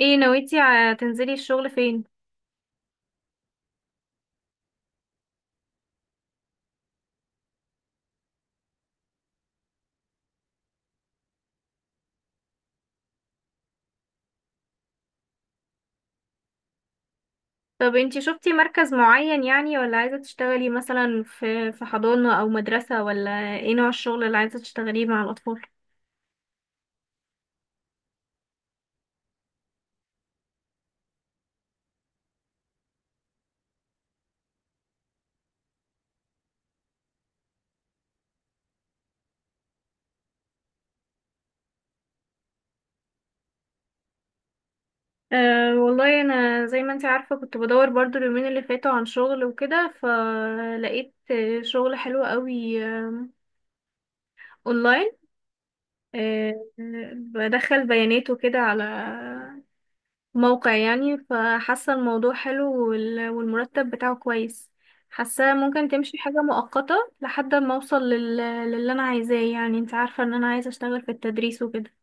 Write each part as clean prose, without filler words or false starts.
ايه نويتي تنزلي الشغل فين؟ طب انتي شفتي مركز معين يعني، ولا عايزة تشتغلي مثلا في حضانة او مدرسة، ولا ايه نوع الشغل اللي عايزة تشتغليه مع الاطفال؟ أه والله انا زي ما انتي عارفة كنت بدور برضو اليومين اللي فاتوا عن شغل وكده، فلقيت شغل حلو قوي. اونلاين. أه. بدخل بيانات وكده على موقع يعني، فحاسة الموضوع حلو والمرتب بتاعه كويس. حاسة ممكن تمشي حاجة مؤقتة لحد ما اوصل لل... للي انا عايزاه، يعني انت عارفة ان انا عايزة اشتغل في التدريس وكده.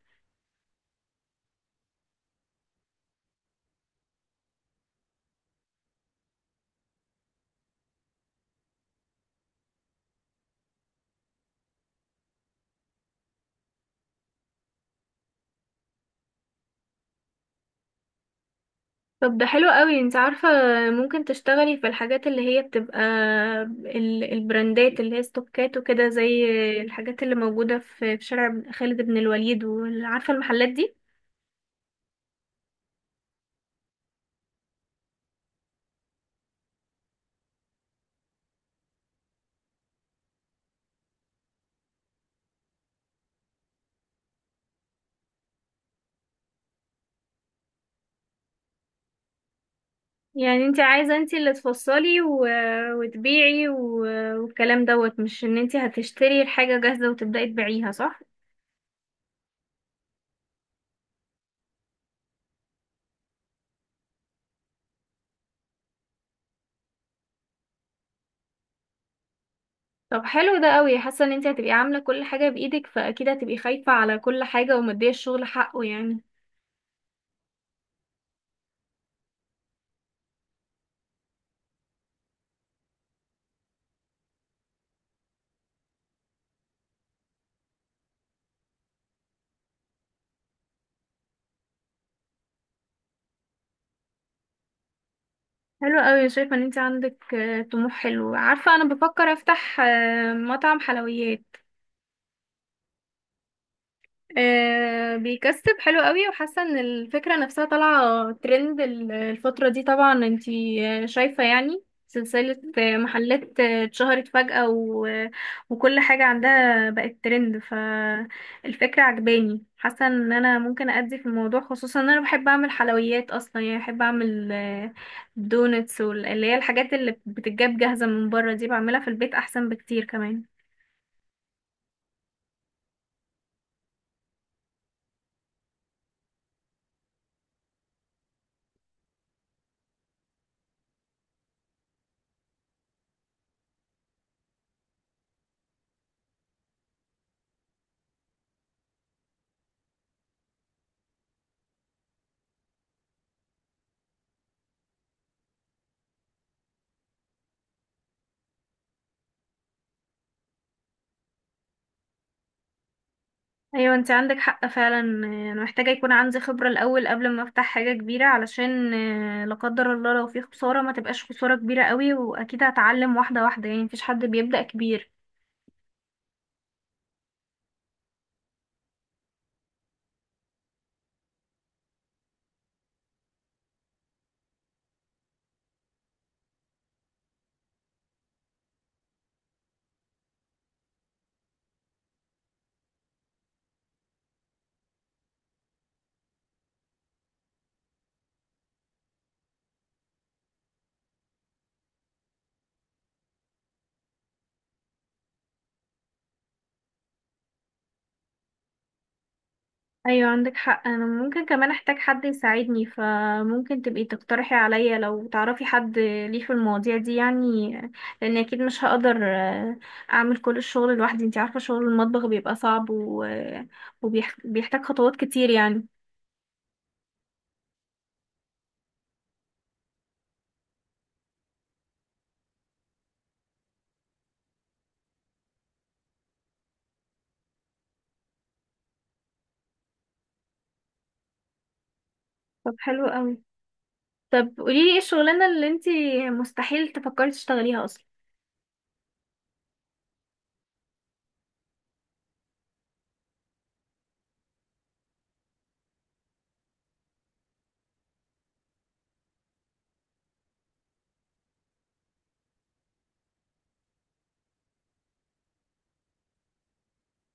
طب ده حلو قوي، انت عارفة ممكن تشتغلي في الحاجات اللي هي بتبقى البراندات اللي هي ستوكات وكده، زي الحاجات اللي موجودة في شارع خالد بن الوليد، وعارفة المحلات دي. يعني انت عايزة انت اللي تفصلي و... وتبيعي و... والكلام دوت، مش ان انت هتشتري الحاجة جاهزة وتبدأي تبيعيها، صح؟ طب حلو ده قوي، حاسة ان انت هتبقي عاملة كل حاجة بإيدك، فأكيد هتبقي خايفة على كل حاجة ومدية الشغل حقه يعني. حلو قوي، شايفة ان انت عندك طموح حلو. عارفة انا بفكر افتح مطعم حلويات. بيكسب حلو قوي، وحاسه ان الفكره نفسها طالعه ترند الفتره دي. طبعا انتي شايفه يعني سلسله محلات اتشهرت فجأة و... وكل حاجه عندها بقت ترند، فالفكره عجباني. حاسه ان انا ممكن ادي في الموضوع، خصوصا ان انا بحب اعمل حلويات اصلا. يعني بحب اعمل دونتس، واللي هي الحاجات اللي بتتجاب جاهزه من بره دي بعملها في البيت احسن بكتير كمان. ايوه، انت عندك حق فعلا. انا محتاجه يكون عندي خبره الاول قبل ما افتح حاجه كبيره، علشان لا قدر الله لو في خساره ما تبقاش خساره كبيره قوي. واكيد هتعلم واحده واحده يعني، مفيش حد بيبدا كبير. ايوه عندك حق. انا ممكن كمان احتاج حد يساعدني، فممكن تبقي تقترحي عليا لو تعرفي حد ليه في المواضيع دي يعني، لان اكيد مش هقدر اعمل كل الشغل لوحدي. انت عارفه شغل المطبخ بيبقى صعب، وبيحتاج خطوات كتير يعني. طب حلو قوي. طب قوليلي، ايه الشغلانة اللي انتي مستحيل تفكري تشتغليها اصلا؟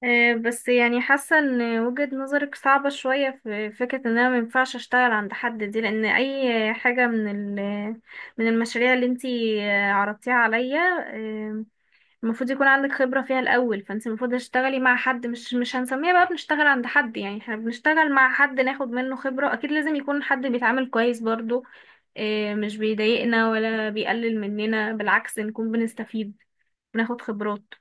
أه بس يعني حاسة ان وجهة نظرك صعبة شوية في فكرة ان انا مينفعش اشتغل عند حد دي، لان اي حاجة من ال من المشاريع اللي انتي عرضتيها عليا، آه، المفروض يكون عندك خبرة فيها الاول. فانتي المفروض تشتغلي مع حد، مش هنسميها بقى بنشتغل عند حد، يعني احنا بنشتغل مع حد ناخد منه خبرة. اكيد لازم يكون حد بيتعامل كويس برضو، مش بيضايقنا ولا بيقلل مننا، بالعكس نكون بنستفيد، بناخد خبرات.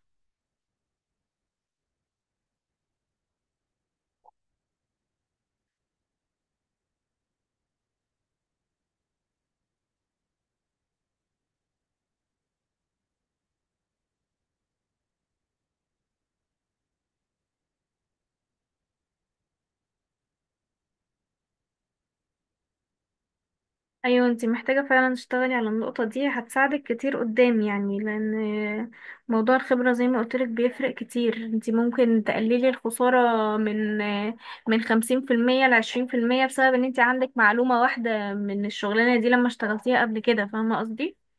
ايوه انتي محتاجة فعلا تشتغلي على النقطة دي، هتساعدك كتير قدام يعني. لان موضوع الخبرة زي ما قلتلك بيفرق كتير. انتي ممكن تقللي الخسارة من من 50% لـ20%، بسبب ان انتي عندك معلومة واحدة من الشغلانة دي لما اشتغلتيها قبل كده. فاهمة قصدي؟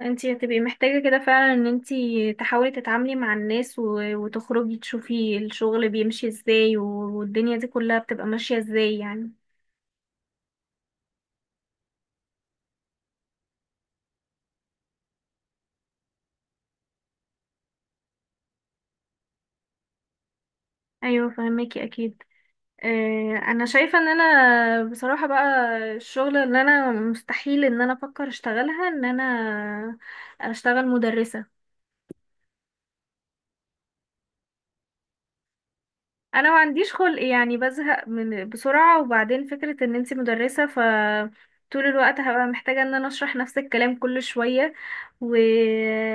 انتي هتبقي محتاجة كده فعلا ان انتي تحاولي تتعاملي مع الناس، وتخرجي تشوفي الشغل بيمشي ازاي، والدنيا دي كلها بتبقى ماشية ازاي يعني. ايوه فهماكي اكيد. انا شايفه ان انا بصراحه بقى الشغل ان انا مستحيل ان انا افكر اشتغلها، ان انا اشتغل مدرسه. انا ما عنديش خلق يعني، بزهق من بسرعه. وبعدين فكره ان انتي مدرسه ف طول الوقت هبقى محتاجه ان انا اشرح نفس الكلام كل شويه و...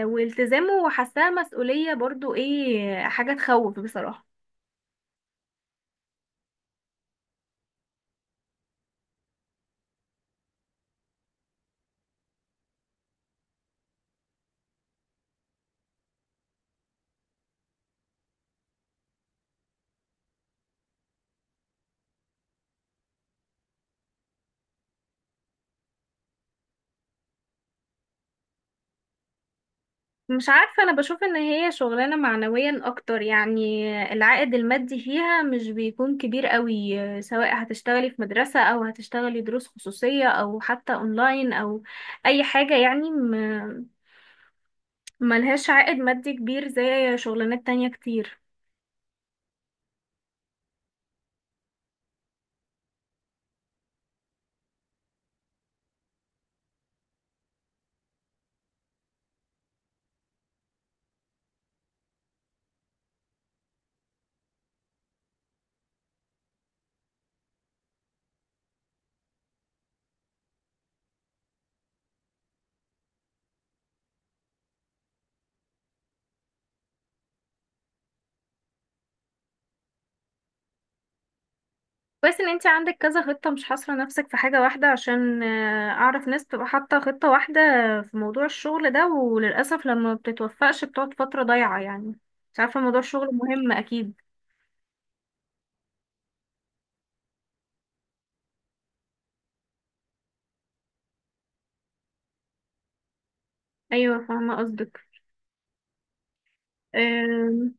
والتزامه، وحاساه مسؤوليه برضو، ايه حاجه تخوف بصراحه. مش عارفة، أنا بشوف إن هي شغلانة معنويا أكتر يعني. العائد المادي فيها مش بيكون كبير قوي، سواء هتشتغلي في مدرسة أو هتشتغلي دروس خصوصية أو حتى أونلاين أو أي حاجة يعني. ملهاش عائد مادي كبير زي شغلانات تانية كتير. كويس إن انتي عندك كذا خطة، مش حاصرة نفسك في حاجة واحدة. عشان أعرف ناس بتبقى حاطة خطة واحدة في موضوع الشغل ده، وللأسف لما بتتوفقش بتقعد فترة ضايعة يعني. مش عارفة، موضوع الشغل مهم أكيد. ايوه فاهمه قصدك. أم،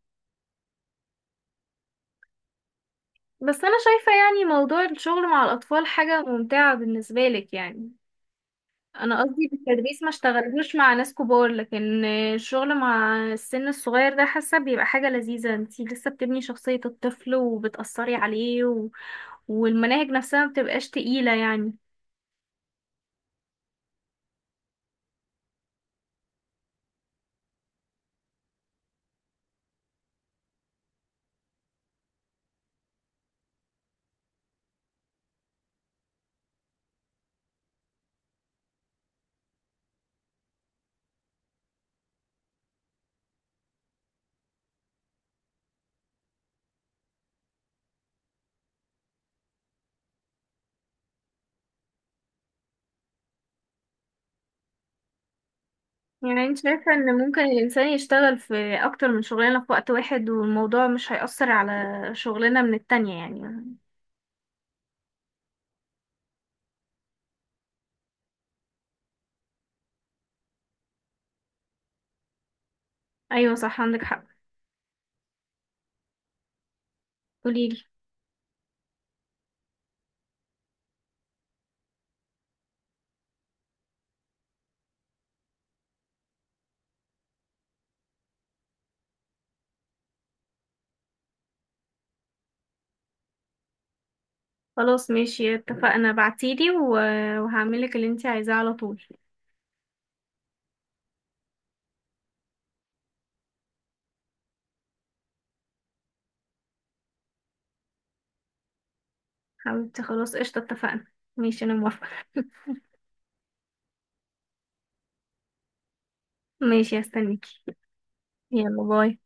بس انا شايفه يعني موضوع الشغل مع الاطفال حاجه ممتعه بالنسبه لك يعني. انا قصدي بالتدريس ما اشتغلوش مع ناس كبار، لكن الشغل مع السن الصغير ده حاسه بيبقى حاجه لذيذه. انتي لسه بتبني شخصيه الطفل وبتاثري عليه و... والمناهج نفسها ما بتبقاش تقيله يعني. يعني انت شايفه ان ممكن الانسان يشتغل في اكتر من شغلانه في وقت واحد، والموضوع مش هيأثر على شغلنا من التانية يعني. ايوه صح، عندك حق. قوليلي. خلاص ماشي، اتفقنا. بعتيلي وهعملك اللي انتي عايزاه على طول. حبيبتي خلاص، قشطة، اتفقنا. ماشي انا موافقة. ماشي هستنيكي. يلا باي.